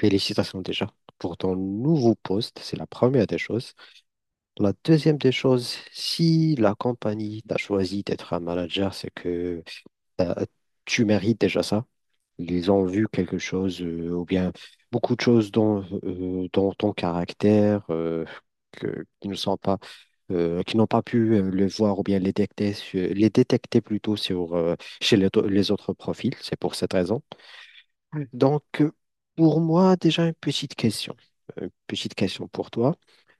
Félicitations déjà pour ton nouveau poste, c'est la première des choses. La deuxième des choses, si la compagnie t'a choisi d'être un manager, c'est que t'as- tu mérites déjà ça. Ils ont vu quelque chose ou bien beaucoup de choses dans ton caractère que, qui ne sont pas qui n'ont pas pu le voir ou bien les détecter, les détecter plutôt chez les autres profils. C'est pour cette raison. Donc, pour moi, déjà une petite question. Une petite question pour toi.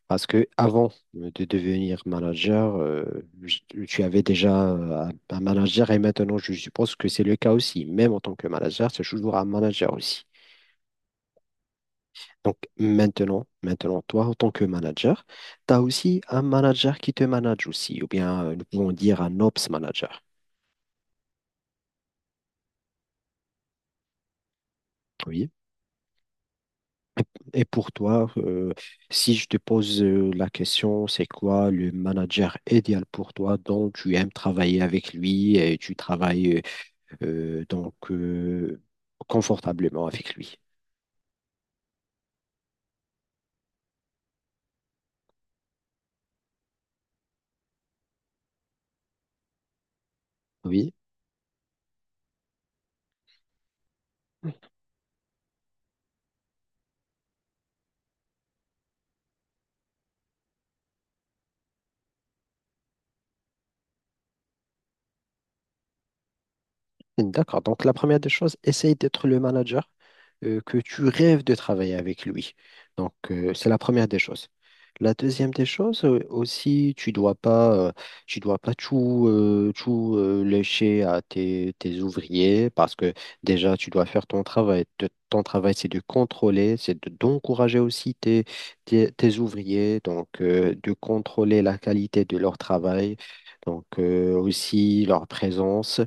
Parce que avant de devenir manager, tu avais déjà un manager et maintenant, je suppose que c'est le cas aussi. Même en tant que manager, c'est toujours un manager aussi. Donc, maintenant, toi, en tant que manager, tu as aussi un manager qui te manage aussi, ou bien nous pouvons dire un ops manager. Oui. Et pour toi, si je te pose la question, c'est quoi le manager idéal pour toi dont tu aimes travailler avec lui et tu travailles euh, donc euh, confortablement avec lui? Oui. D'accord. Donc, la première des choses, essaye d'être le manager que tu rêves de travailler avec lui. Donc, c'est la première des choses. La deuxième des choses aussi, tu dois pas tout lécher à tes ouvriers parce que déjà, tu dois faire ton travail. Ton travail, c'est de contrôler, d'encourager aussi tes ouvriers, donc de contrôler la qualité de leur travail, donc aussi leur présence.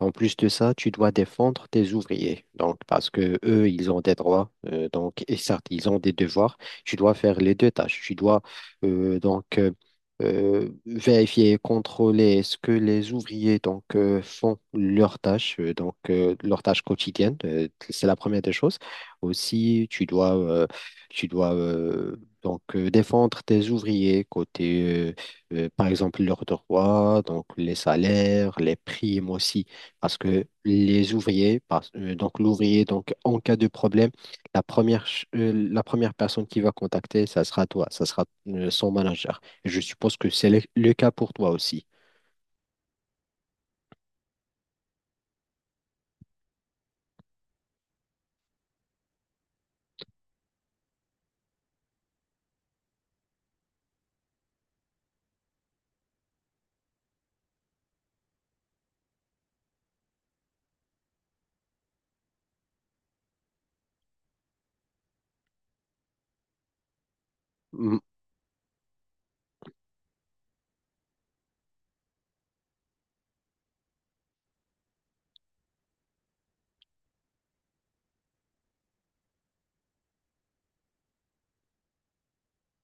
En plus de ça, tu dois défendre tes ouvriers. Donc, parce que eux, ils ont des droits, donc, et certes, ils ont des devoirs. Tu dois faire les deux tâches. Tu dois euh, donc euh, vérifier et contrôler est-ce que les ouvriers donc font leurs tâches, leurs tâches quotidiennes. C'est la première des choses. Aussi, tu dois défendre tes ouvriers côté euh, par exemple leurs droits, donc les salaires, les primes aussi parce que donc l'ouvrier, donc en cas de problème, la première personne qui va contacter, ça sera toi, ça sera son manager. Et je suppose que c'est le cas pour toi aussi.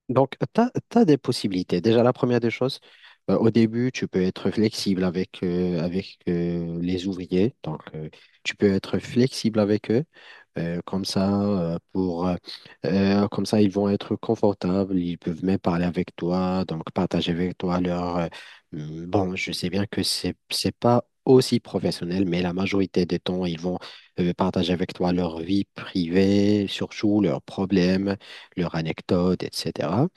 Donc, tu as des possibilités. Déjà, la première des choses, au début, tu peux être flexible avec, avec les ouvriers. Donc, tu peux être flexible avec eux. Euh, comme ça, euh, pour, euh, Comme ça, ils vont être confortables. Ils peuvent même parler avec toi, donc partager avec toi leur. Bon, je sais bien que c'est pas aussi professionnel, mais la majorité des temps, ils vont partager avec toi leur vie privée, surtout leurs problèmes, leurs anecdotes, etc.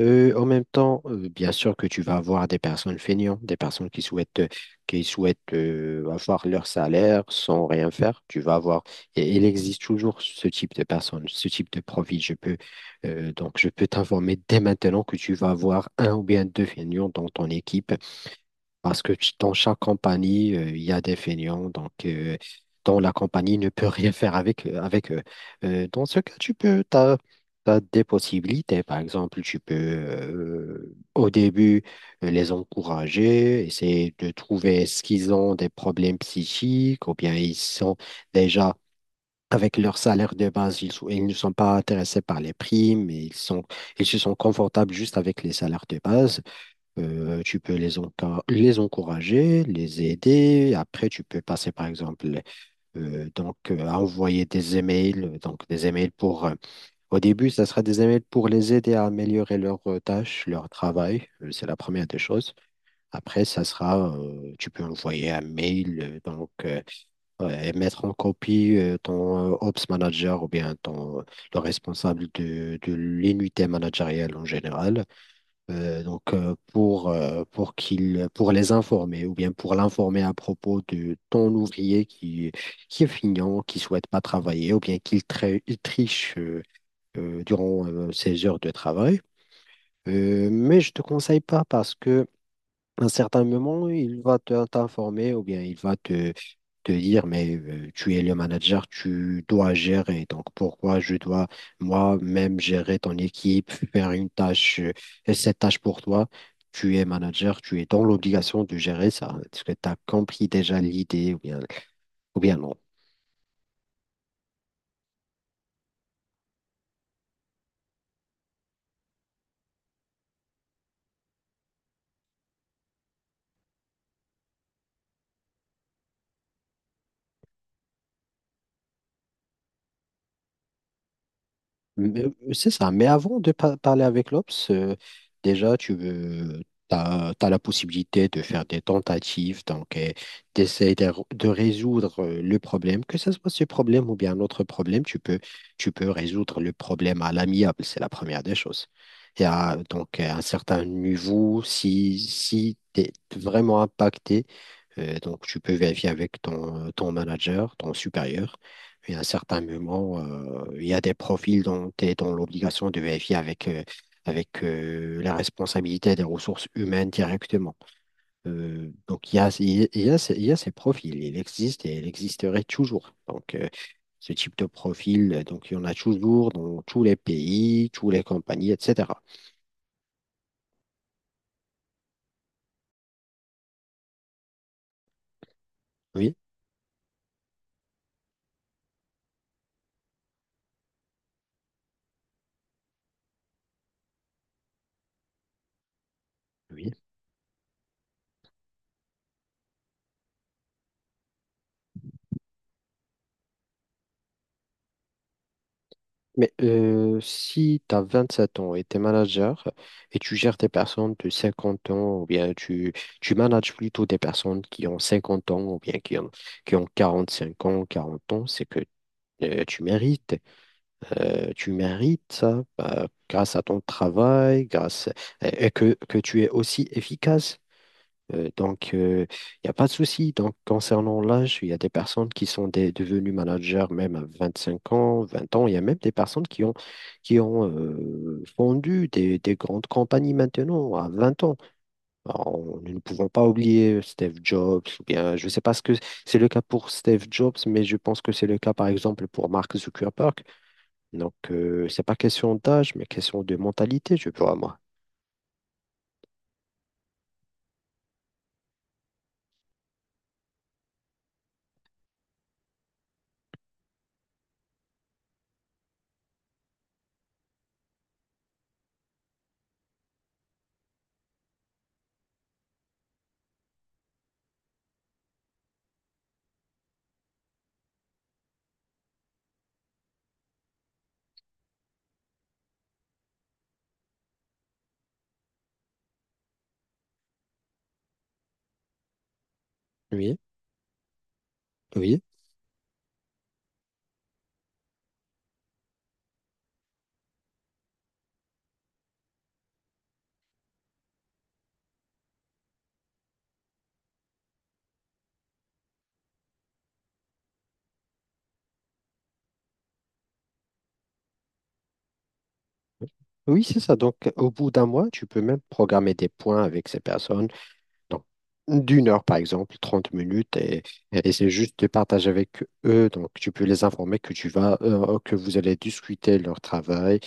En même temps, bien sûr que tu vas avoir des personnes feignantes, des personnes qui souhaitent avoir leur salaire sans rien faire. Tu vas avoir, et il existe toujours ce type de personnes, ce type de profil. Je peux t'informer dès maintenant que tu vas avoir un ou bien deux feignants dans ton équipe parce que dans chaque compagnie, il y a des feignants, dont la compagnie ne peut rien faire avec, avec eux. Dans ce cas, t'as des possibilités. Par exemple, tu peux au début les encourager, essayer de trouver ce qu'ils ont des problèmes psychiques ou bien ils sont déjà avec leur salaire de base, ils ne sont pas intéressés par les primes, et ils se sont confortables juste avec les salaires de base. Tu peux les encourager, les aider. Après, tu peux passer, par exemple, à envoyer des emails. Donc, des emails pour. Au début, ça sera des emails pour les aider à améliorer leurs tâches, leur travail. C'est la première des choses. Après, ça sera. Tu peux envoyer un mail, ouais, et mettre en copie ton Ops Manager ou bien le responsable de l'unité managériale en général pour qu'il pour les informer ou bien pour l'informer à propos de ton ouvrier qui est feignant, qui souhaite pas travailler ou bien il triche durant ses heures de travail. Mais je te conseille pas parce que un certain moment, il va t'informer ou bien il va te dire, mais tu es le manager, tu dois gérer. Donc, pourquoi je dois moi-même gérer ton équipe, faire une tâche, et cette tâche pour toi? Tu es manager, tu es dans l'obligation de gérer ça. Est-ce que tu as compris déjà l'idée ou bien, non? Mais, c'est ça. Mais avant de parler avec l'Obs, déjà, t'as la possibilité de faire des tentatives, d'essayer de résoudre le problème, que ce soit ce problème ou bien un autre problème, tu peux résoudre le problème à l'amiable, c'est la première des choses. Et à un certain niveau, si tu es vraiment impacté, donc, tu peux vérifier avec ton manager, ton supérieur. Et à un certain moment, il y a des profils dont tu es dans l'obligation de vérifier avec, la responsabilité des ressources humaines directement. Donc, il y a ces profils. Il existe et il existerait toujours. Donc, ce type de profil, il y en a toujours dans tous les pays, toutes les compagnies, etc. Oui, oui. Mais si tu as 7 ans et tu es manager et tu gères des personnes de 50 ans, ou bien tu manages plutôt des personnes qui ont 50 ans, ou bien qui ont 45 ans, 40 ans, c'est que tu mérites. Tu mérites ça grâce à ton travail, grâce, et que tu es aussi efficace. Donc, il n'y a pas de souci. Donc, concernant l'âge, il y a des personnes qui sont devenues managers même à 25 ans, 20 ans. Il y a même des personnes qui ont fondu des grandes compagnies maintenant à 20 ans. Alors, nous ne pouvons pas oublier Steve Jobs, ou bien, je ne sais pas ce que c'est le cas pour Steve Jobs, mais je pense que c'est le cas, par exemple, pour Mark Zuckerberg. Donc, c'est pas question d'âge, mais question de mentalité, je crois. Oui, oui, oui, c'est ça. Donc, au bout d'un mois, tu peux même programmer des points avec ces personnes. Donc, d'une heure, par exemple, 30 minutes, et c'est juste de partager avec eux. Donc, tu peux les informer que vous allez discuter leur travail.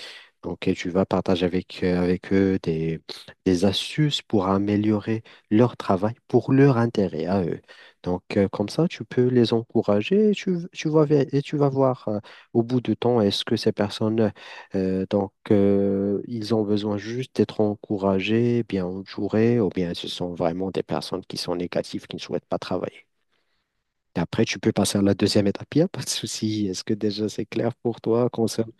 Donc, et tu vas partager avec, avec eux des astuces pour améliorer leur travail pour leur intérêt à eux. Donc, comme ça, tu peux les encourager et et tu vas voir au bout du temps, est-ce que ces personnes ils ont besoin juste d'être encouragés, bien entourés, ou bien ce sont vraiment des personnes qui sont négatives, qui ne souhaitent pas travailler. Et après, tu peux passer à la deuxième étape, il n'y a pas de souci. Est-ce que déjà c'est clair pour toi concernant...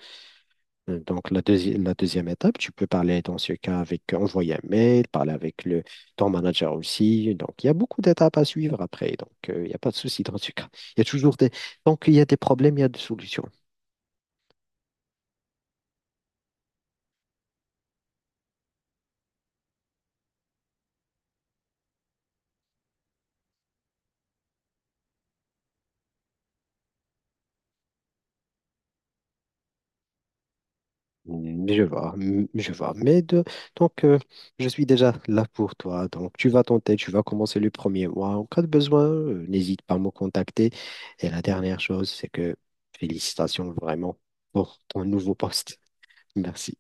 Donc, la deuxième étape, tu peux parler dans ce cas avec, envoyer un mail, parler avec ton manager aussi. Donc, il y a beaucoup d'étapes à suivre après. Donc, il n'y a pas de souci dans ce cas. Il y a toujours des... Tant qu'il y a des problèmes, il y a des solutions. Je vois, je vois. Mais donc, je suis déjà là pour toi. Donc, tu vas tenter, tu vas commencer le premier mois. En cas de besoin, n'hésite pas à me contacter. Et la dernière chose, c'est que félicitations vraiment pour ton nouveau poste. Merci.